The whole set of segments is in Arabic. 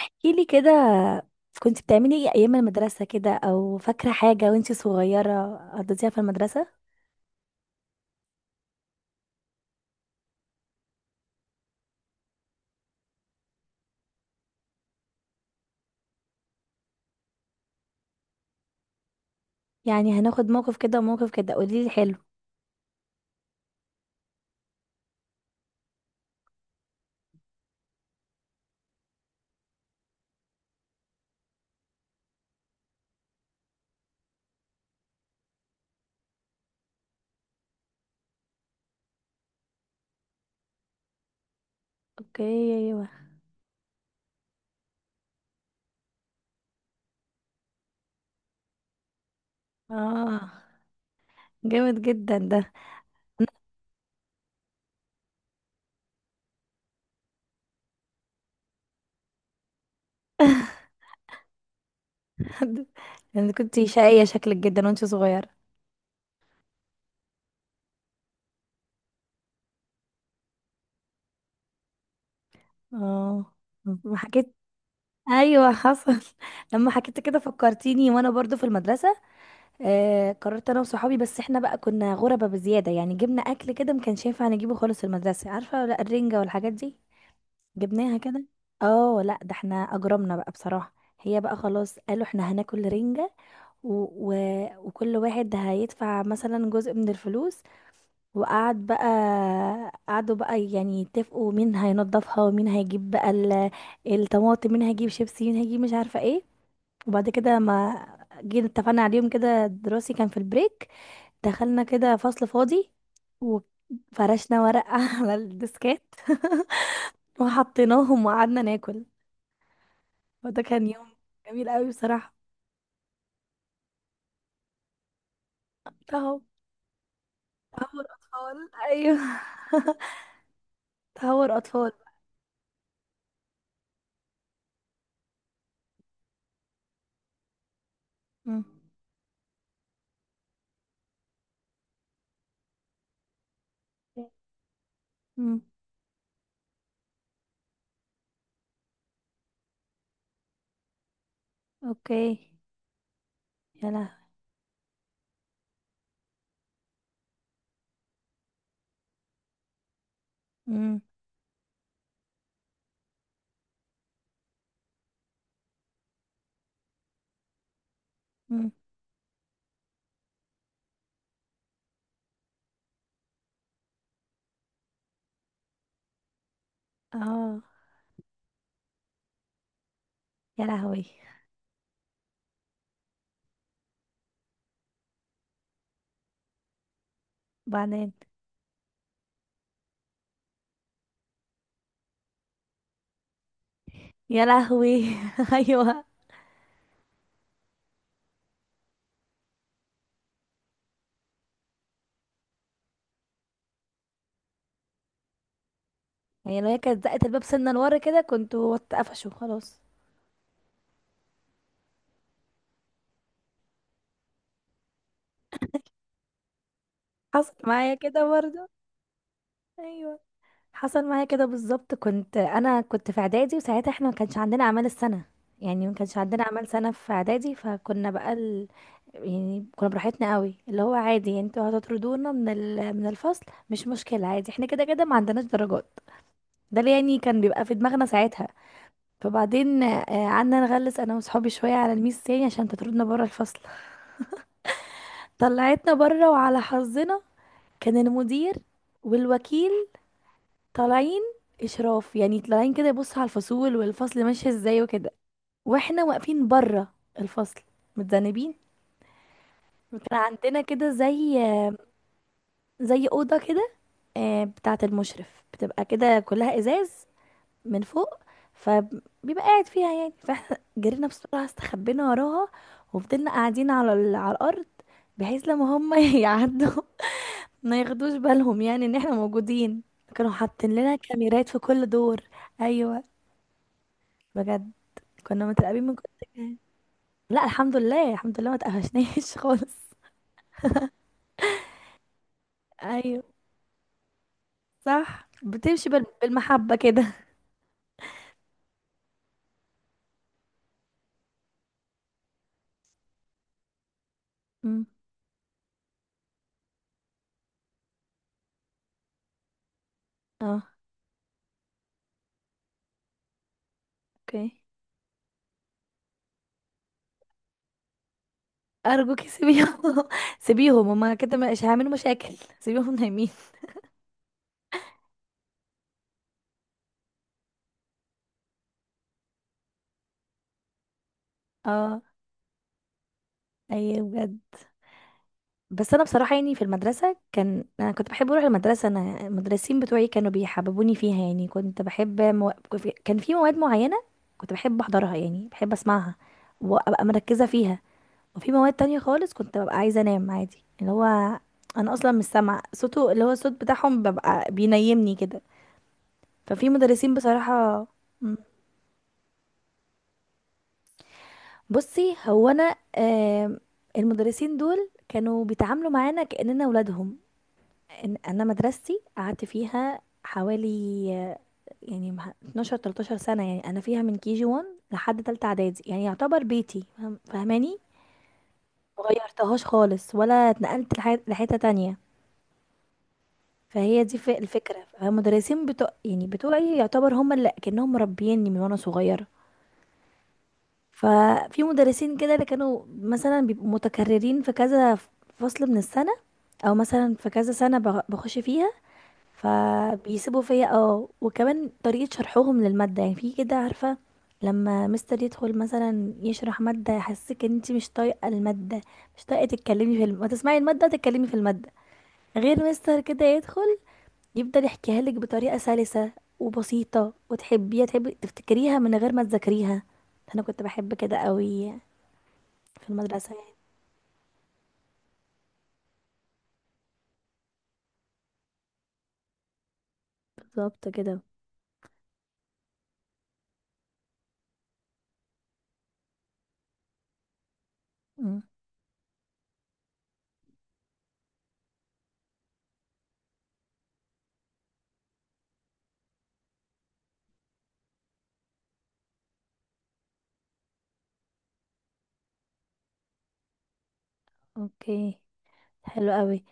احكيلي كده. كنت بتعملي ايه ايام المدرسة كده، او فاكرة حاجة وانتي صغيرة قضيتيها في المدرسة؟ يعني هناخد موقف كده وموقف كده، قوليلي حلو. اوكي. ايوه. اه، جامد جدا ده. انت كنتي شقية شكلك جدا وانتي صغيرة. اه. ما حكيت. ايوه، حصل. لما حكيت كده فكرتيني وانا برضو في المدرسة. قررت انا وصحابي، بس احنا بقى كنا غربة بزيادة، يعني جبنا اكل كده ما كانش ينفع نجيبه خالص في المدرسة، عارفة؟ ولا الرنجة والحاجات دي جبناها كده. اه لا، ده احنا اجرمنا بقى بصراحة. هي بقى خلاص قالوا احنا هناكل رنجة. و... و... وكل واحد هيدفع مثلا جزء من الفلوس. وقعد بقى قعدوا بقى يعني يتفقوا مين هينضفها، ومين هيجيب بقى الطماطم، مين هيجيب شيبسي، مين هيجيب مش عارفة ايه. وبعد كده ما جينا اتفقنا عليهم كده دراسي، كان في البريك، دخلنا كده فصل فاضي. وفرشنا ورق على الديسكات وحطيناهم وقعدنا ناكل. وده كان يوم جميل قوي بصراحة. تهور أطفال. أيوه. تهور أطفال. مم. مم. اوكي. يا لهوي. مم. مم. اه. يا لهوي. بعدين. يا لهوي. ايوه. هي لو هي كانت زقت الباب سنة لورا كده، كنت وقفشوا خلاص. حصل معايا كده برضه. ايوه، حصل معايا كده بالظبط. انا كنت في اعدادي، وساعتها احنا ما كانش عندنا اعمال السنه. يعني ما كانش عندنا اعمال سنه في اعدادي، فكنا بقى يعني كنا براحتنا قوي، اللي هو عادي. يعني انتوا هتطردونا من الفصل، مش مشكله، عادي، احنا كده كده ما عندناش درجات. ده اللي يعني كان بيبقى في دماغنا ساعتها. فبعدين قعدنا نغلس انا وصحابي شويه على الميس تاني، عشان تطردنا بره الفصل. طلعتنا بره، وعلى حظنا كان المدير والوكيل طالعين اشراف، يعني طالعين كده يبص على الفصول والفصل ماشي ازاي وكده. واحنا واقفين بره الفصل متذنبين. كان عندنا كده زي اوضه كده، بتاعه المشرف بتبقى كده كلها ازاز من فوق، فبيبقى قاعد فيها يعني. فاحنا جرينا بسرعه استخبينا وراها، وفضلنا قاعدين على الارض، بحيث لما هم يعدوا ما ياخدوش بالهم يعني ان احنا موجودين. كانوا حاطين لنا كاميرات في كل دور. ايوه بجد، كنا متراقبين من كل مكان. لا الحمد لله الحمد لله، ما تقفشناش خالص. ايوه صح، بتمشي بالمحبة كده. امم اه اوكي. ارجوك سيبيهم. سيبيهم، هما كده مش هيعملوا مشاكل. سيبيهم نايمين. اه ايوه بجد. بس انا بصراحه يعني في المدرسه انا كنت بحب اروح المدرسه. انا المدرسين بتوعي كانوا بيحببوني فيها، يعني كنت بحب كان في مواد معينه كنت بحب احضرها، يعني بحب اسمعها وابقى مركزه فيها. وفي مواد تانية خالص كنت ببقى عايزة انام عادي، اللي هو انا اصلا مش سامعة صوته، اللي هو الصوت بتاعهم ببقى بينيمني كده. ففي مدرسين بصراحة. مم. بصي هو انا المدرسين دول كانوا بيتعاملوا معانا كأننا ولادهم. انا مدرستي قعدت فيها حوالي آه، يعني 12 13 سنة، يعني انا فيها من كي جي 1 لحد تالتة اعدادي، يعني يعتبر بيتي فاهماني. مغيرتهاش خالص ولا اتنقلت لحتة تانية. فهي دي الفكرة، فالمدرسين يعني بتوعي يعتبر هم اللي كأنهم مربيني من وانا صغيرة. ففي مدرسين كده اللي كانوا مثلا بيبقوا متكررين في كذا فصل من السنة، او مثلا في كذا سنة بخش فيها. فبيسيبوا فيا اه. وكمان طريقة شرحهم للمادة يعني، في كده عارفة، لما مستر يدخل مثلا يشرح مادة يحسسك ان انت مش طايقة المادة، مش طايقة تسمعي المادة، تتكلمي في المادة. غير مستر كده يدخل يفضل يحكيها لك بطريقة سلسة وبسيطة، وتحبيها، تحبي تفتكريها من غير ما تذاكريها. انا كنت بحب كده قوي في المدرسة يعني. بالظبط كده. مم. اوكي. حلو قوي.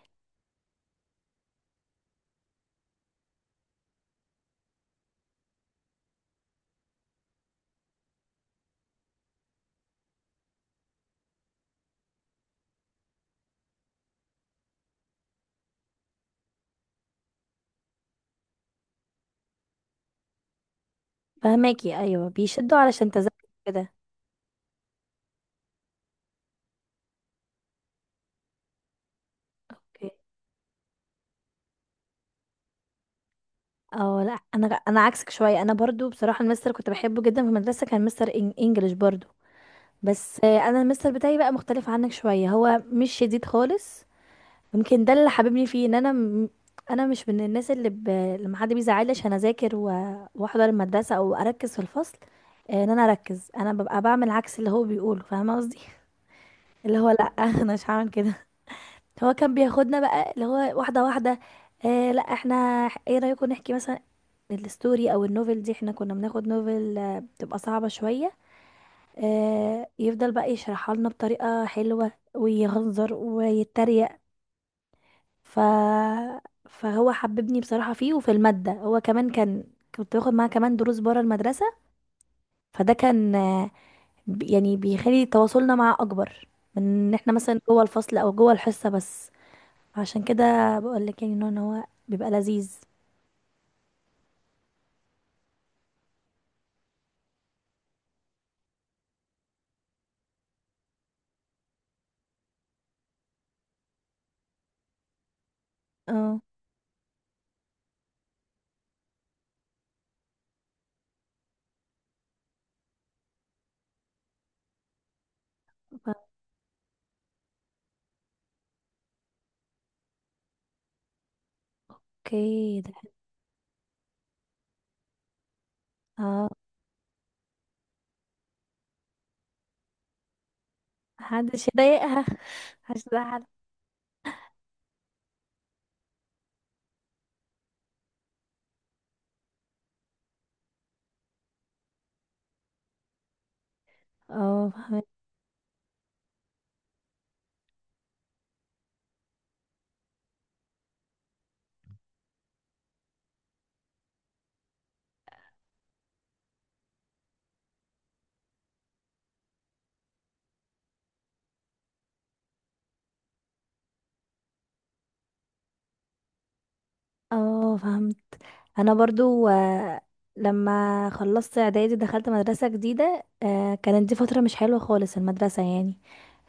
فهماكي ايوه، بيشدوا علشان تذاكري كده. اوكي. اه لا، انا عكسك شويه. انا برضو بصراحه المستر كنت بحبه جدا في المدرسه، كان مستر انجليش برضو. بس انا المستر بتاعي بقى مختلف عنك شويه، هو مش شديد خالص. يمكن ده اللي حببني فيه، ان انا مش من الناس لما حد بيزعلي عشان اذاكر واحضر المدرسه او اركز في الفصل. ان انا اركز، انا ببقى بعمل عكس اللي هو بيقوله، فاهمه قصدي؟ اللي هو لا. انا مش هعمل كده. هو كان بياخدنا بقى اللي هو واحده واحده. آه لا، احنا ايه رايكم نحكي مثلا الستوري او النوفل دي، احنا كنا بناخد نوفل بتبقى صعبة شوية. يفضل بقى يشرحها لنا بطريقة حلوة ويهزر ويتريق. ف فهو حببني بصراحة فيه وفي المادة. هو كمان كان كنت باخد معاه كمان دروس بره المدرسة. فده كان يعني بيخلي تواصلنا معاه أكبر من ان احنا مثلا جوه الفصل او جوه الحصة بس. عشان كده بقول لك، يعني انه هو بيبقى لذيذ. اه اوكي. ده اه محدش يضايقها. محدش يزعل. اه اه فهمت. انا برضو لما خلصت اعدادي دخلت مدرسة جديدة. كانت دي فترة مش حلوة خالص المدرسة يعني.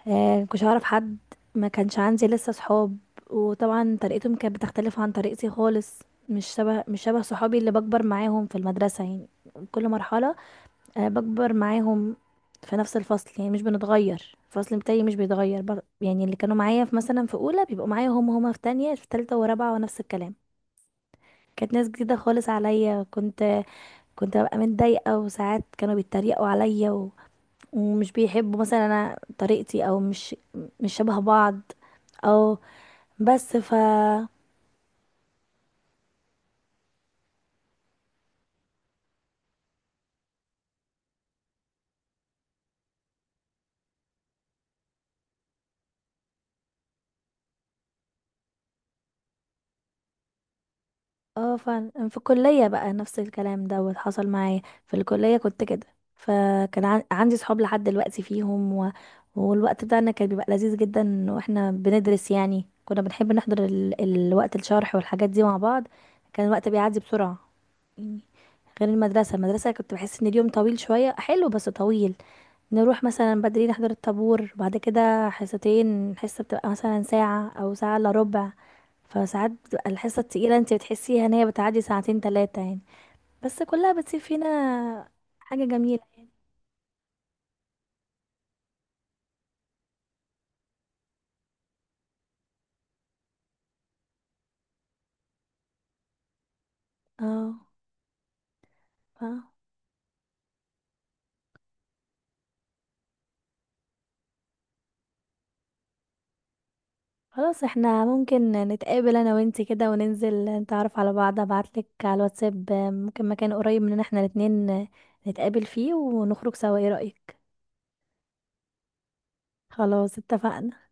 مكنتش اعرف حد، ما كانش عندي لسه صحاب. وطبعا طريقتهم كانت بتختلف عن طريقتي خالص. مش شبه صحابي اللي بكبر معاهم في المدرسة يعني كل مرحلة. بكبر معاهم في نفس الفصل، يعني مش بنتغير. الفصل بتاعي مش بيتغير يعني اللي كانوا معايا في مثلا في اولى بيبقوا معايا هما في تانية في تالتة ورابعة ونفس الكلام. كانت ناس جديدة خالص عليا. كنت ببقى متضايقة، وساعات كانوا بيتريقوا عليا ومش بيحبوا مثلا انا طريقتي، او مش شبه بعض. او بس اه فعلا، في الكلية بقى نفس الكلام. دوت حصل معايا. في الكلية كنت كده، فكان عندي صحاب لحد دلوقتي فيهم والوقت بتاعنا كان بيبقى لذيذ جدا واحنا بندرس، يعني كنا بنحب نحضر الوقت الشرح والحاجات دي مع بعض. كان الوقت بيعدي بسرعة يعني. غير المدرسة، المدرسة كنت بحس ان اليوم طويل شوية، حلو بس طويل. نروح مثلا بدري نحضر الطابور. بعد كده حصتين، حصة بتبقى مثلا ساعة او ساعة الا ربع. فساعات بتبقى الحصة التقيلة انت بتحسيها ان هي بتعدي ساعتين 3 يعني. بس كلها بتسيب فينا حاجة جميلة. اه ف- خلاص احنا ممكن نتقابل انا وانتي كده، وننزل نتعرف على بعض. ابعتلك على الواتساب ممكن مكان قريب مننا احنا الاتنين، نتقابل فيه ونخرج سوا. ايه رأيك؟ خلاص اتفقنا.